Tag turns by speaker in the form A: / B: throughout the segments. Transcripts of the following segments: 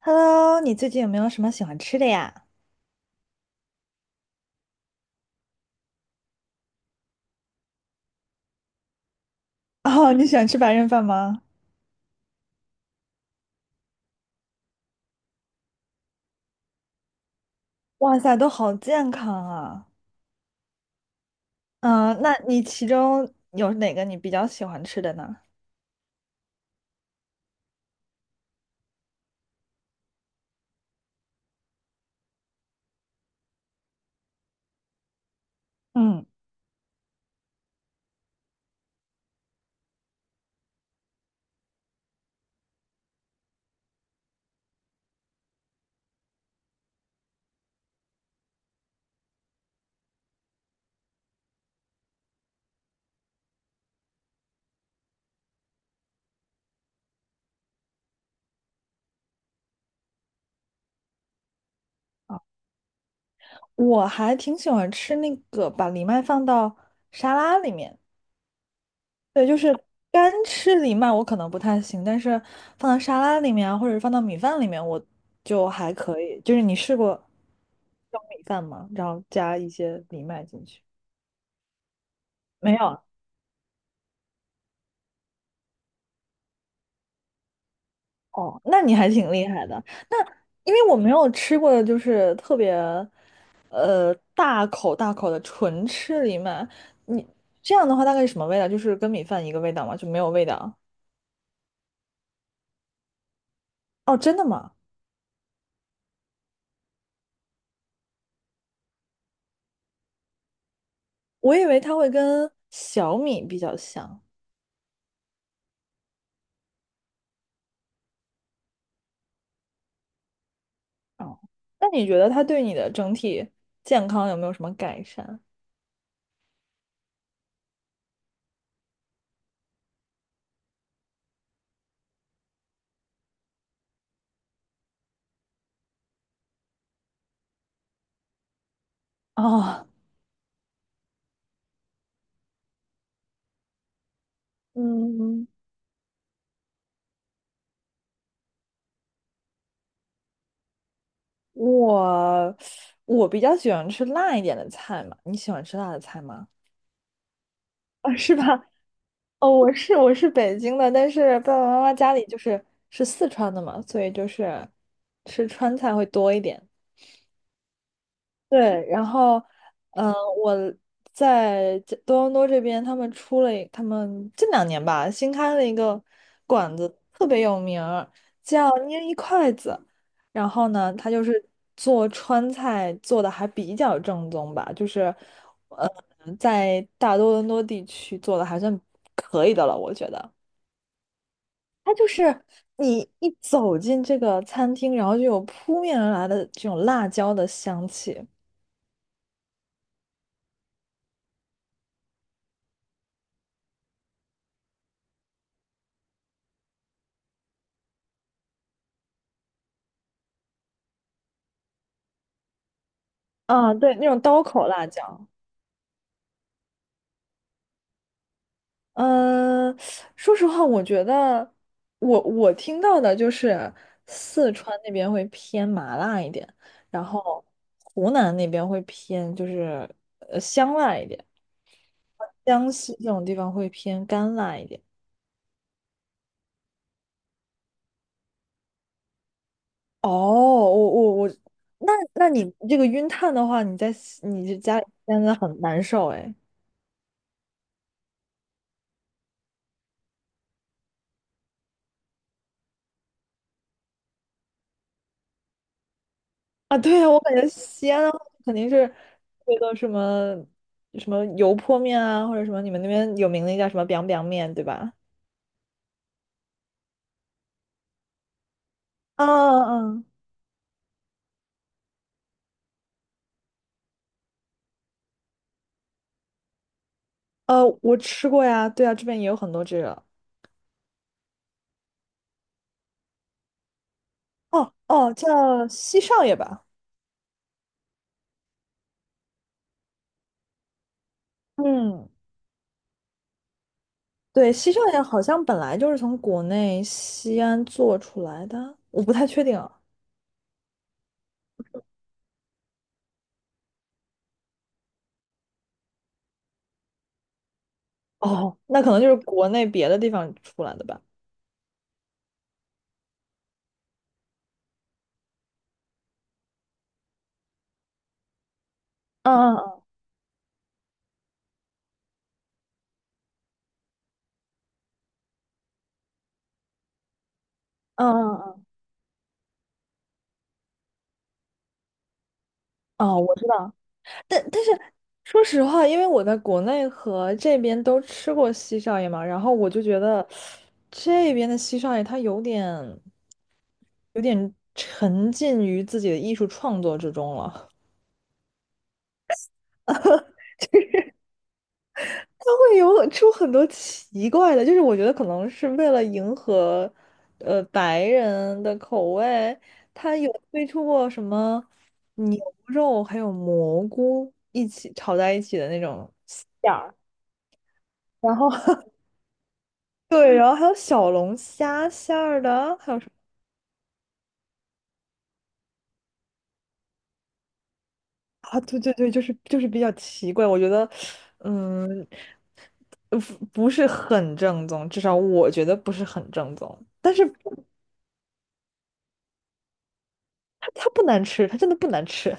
A: Hello，你最近有没有什么喜欢吃的呀？哦，你喜欢吃白人饭吗？哇塞，都好健康啊！嗯、那你其中有哪个你比较喜欢吃的呢？嗯，哦，我还挺喜欢吃那个把藜麦放到沙拉里面。对，就是干吃藜麦我可能不太行，但是放到沙拉里面啊，或者放到米饭里面，我就还可以。就是你试过用米饭吗？然后加一些藜麦进去？没有。哦，那你还挺厉害的。那因为我没有吃过，就是特别大口大口的纯吃藜麦，你这样的话大概是什么味道？就是跟米饭一个味道吗？就没有味道？哦，真的吗？我以为它会跟小米比较像。哦，那你觉得它对你的整体健康有没有什么改善？哦，嗯，我我比较喜欢吃辣一点的菜嘛，你喜欢吃辣的菜吗？啊，是吧？哦，我是北京的，但是爸爸妈妈家里就是四川的嘛，所以就是吃川菜会多一点。对，然后，嗯、我在这多伦多这边，他们出了一他们近2年吧，新开了一个馆子，特别有名儿，叫捏一筷子。然后呢，他就是做川菜做的还比较正宗吧，就是，呃，在大多伦多地区做的还算可以的了，我觉得。它就是你一走进这个餐厅，然后就有扑面而来的这种辣椒的香气。啊，对，那种刀口辣椒。嗯，说实话，我觉得我听到的就是四川那边会偏麻辣一点，然后湖南那边会偏就是香辣一点，江西这种地方会偏干辣一点。哦，我我我，那你这个晕碳的话，你在西你这家里真的很难受哎。啊，对啊，我感觉西安的话肯定是那个什么什么油泼面啊，或者什么你们那边有名的叫什么 biang biang 面，对吧？啊啊啊！嗯，我吃过呀，对啊，这边也有很多这个。哦哦，叫西少爷吧。嗯，对，西少爷好像本来就是从国内西安做出来的，我不太确定。哦，那可能就是国内别的地方出来的吧。嗯嗯嗯嗯嗯，嗯，哦，我知道。但是说实话，因为我在国内和这边都吃过西少爷嘛，然后我就觉得这边的西少爷他有点沉浸于自己的艺术创作之中了。它会有出很多奇怪的，就是我觉得可能是为了迎合，白人的口味，它有推出过什么牛肉还有蘑菇一起炒在一起的那种馅儿，然后 对，然后还有小龙虾馅儿的，还有什么啊？对对对，就是就是比较奇怪，我觉得，嗯，不是很正宗，至少我觉得不是很正宗，但是它不难吃，它真的不难吃。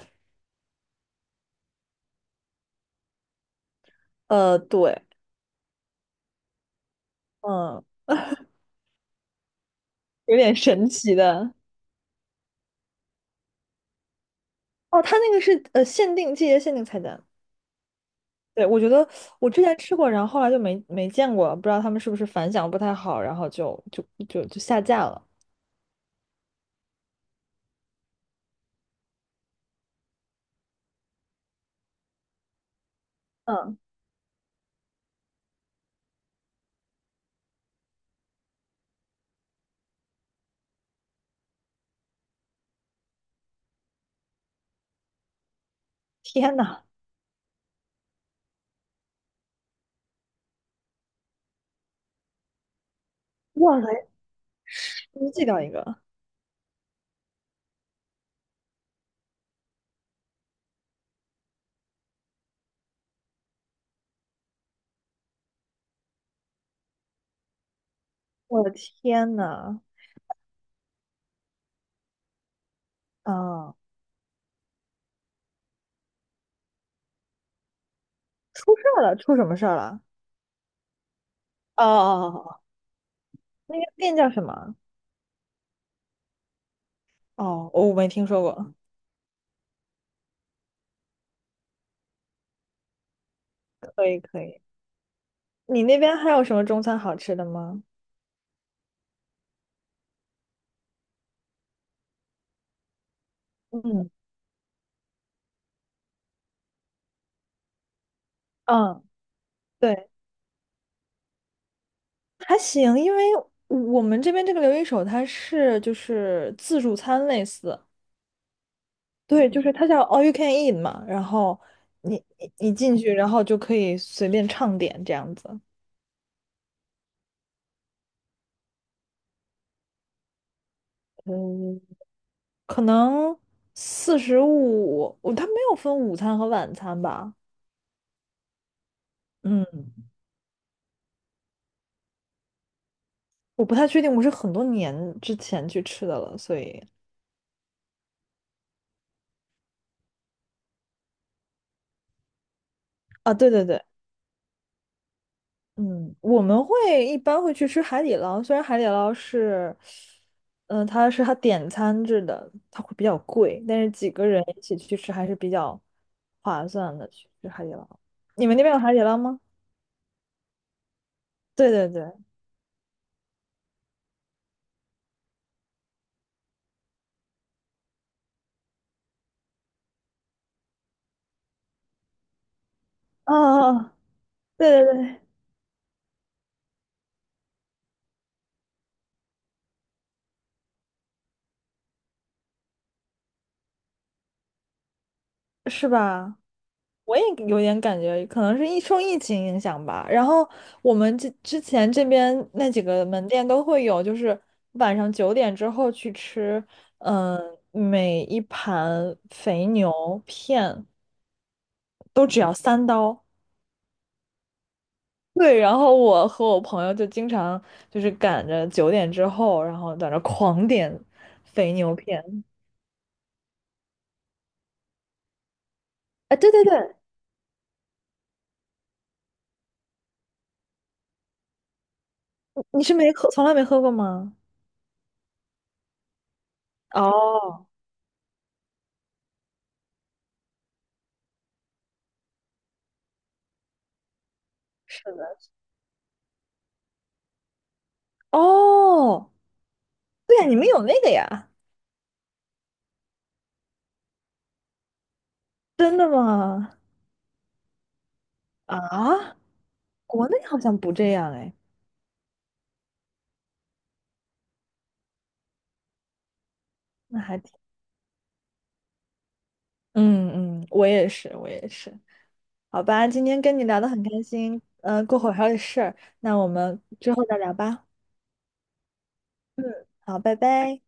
A: 呃，对，嗯，有点神奇的。哦，它那个是限定季节限定菜单。对，我觉得我之前吃过，然后后来就没见过，不知道他们是不是反响不太好，然后就下架了。嗯，天呐，哇塞，又寄到一个，我的天呐，啊，出事儿了，出什么事儿了？哦哦哦，哦，那个店叫什么？哦，我没听说过。可以可以，你那边还有什么中餐好吃的吗？嗯嗯，对。还行，因为我们这边这个留一手它是就是自助餐类似，对，就是它叫 all you can eat 嘛，然后你进去，然后就可以随便畅点这样子，嗯，可能45，我它没有分午餐和晚餐吧？嗯，我不太确定，我是很多年之前去吃的了，所以啊，对对对。嗯，我们一般会去吃海底捞，虽然海底捞是，它点餐制的，它会比较贵，但是几个人一起去吃还是比较划算的。去吃海底捞，你们那边有海底捞吗？对对对，啊，对对对，是吧？我也有点感觉，可能是疫受疫情影响吧。然后我们这之前这边那几个门店都会有，就是晚上九点之后去吃，嗯、每一盘肥牛片都只要3刀。对，然后我和我朋友就经常就是赶着九点之后，然后在那狂点肥牛片。哎，对对对，你是没喝，从来没喝过吗？哦，是的。哦，对呀，你们有那个呀。真的吗？啊，国内好像不这样哎，那还挺。嗯嗯，我也是，我也是。好吧，今天跟你聊的很开心，过会儿还有事儿，那我们之后再聊吧。好，拜拜。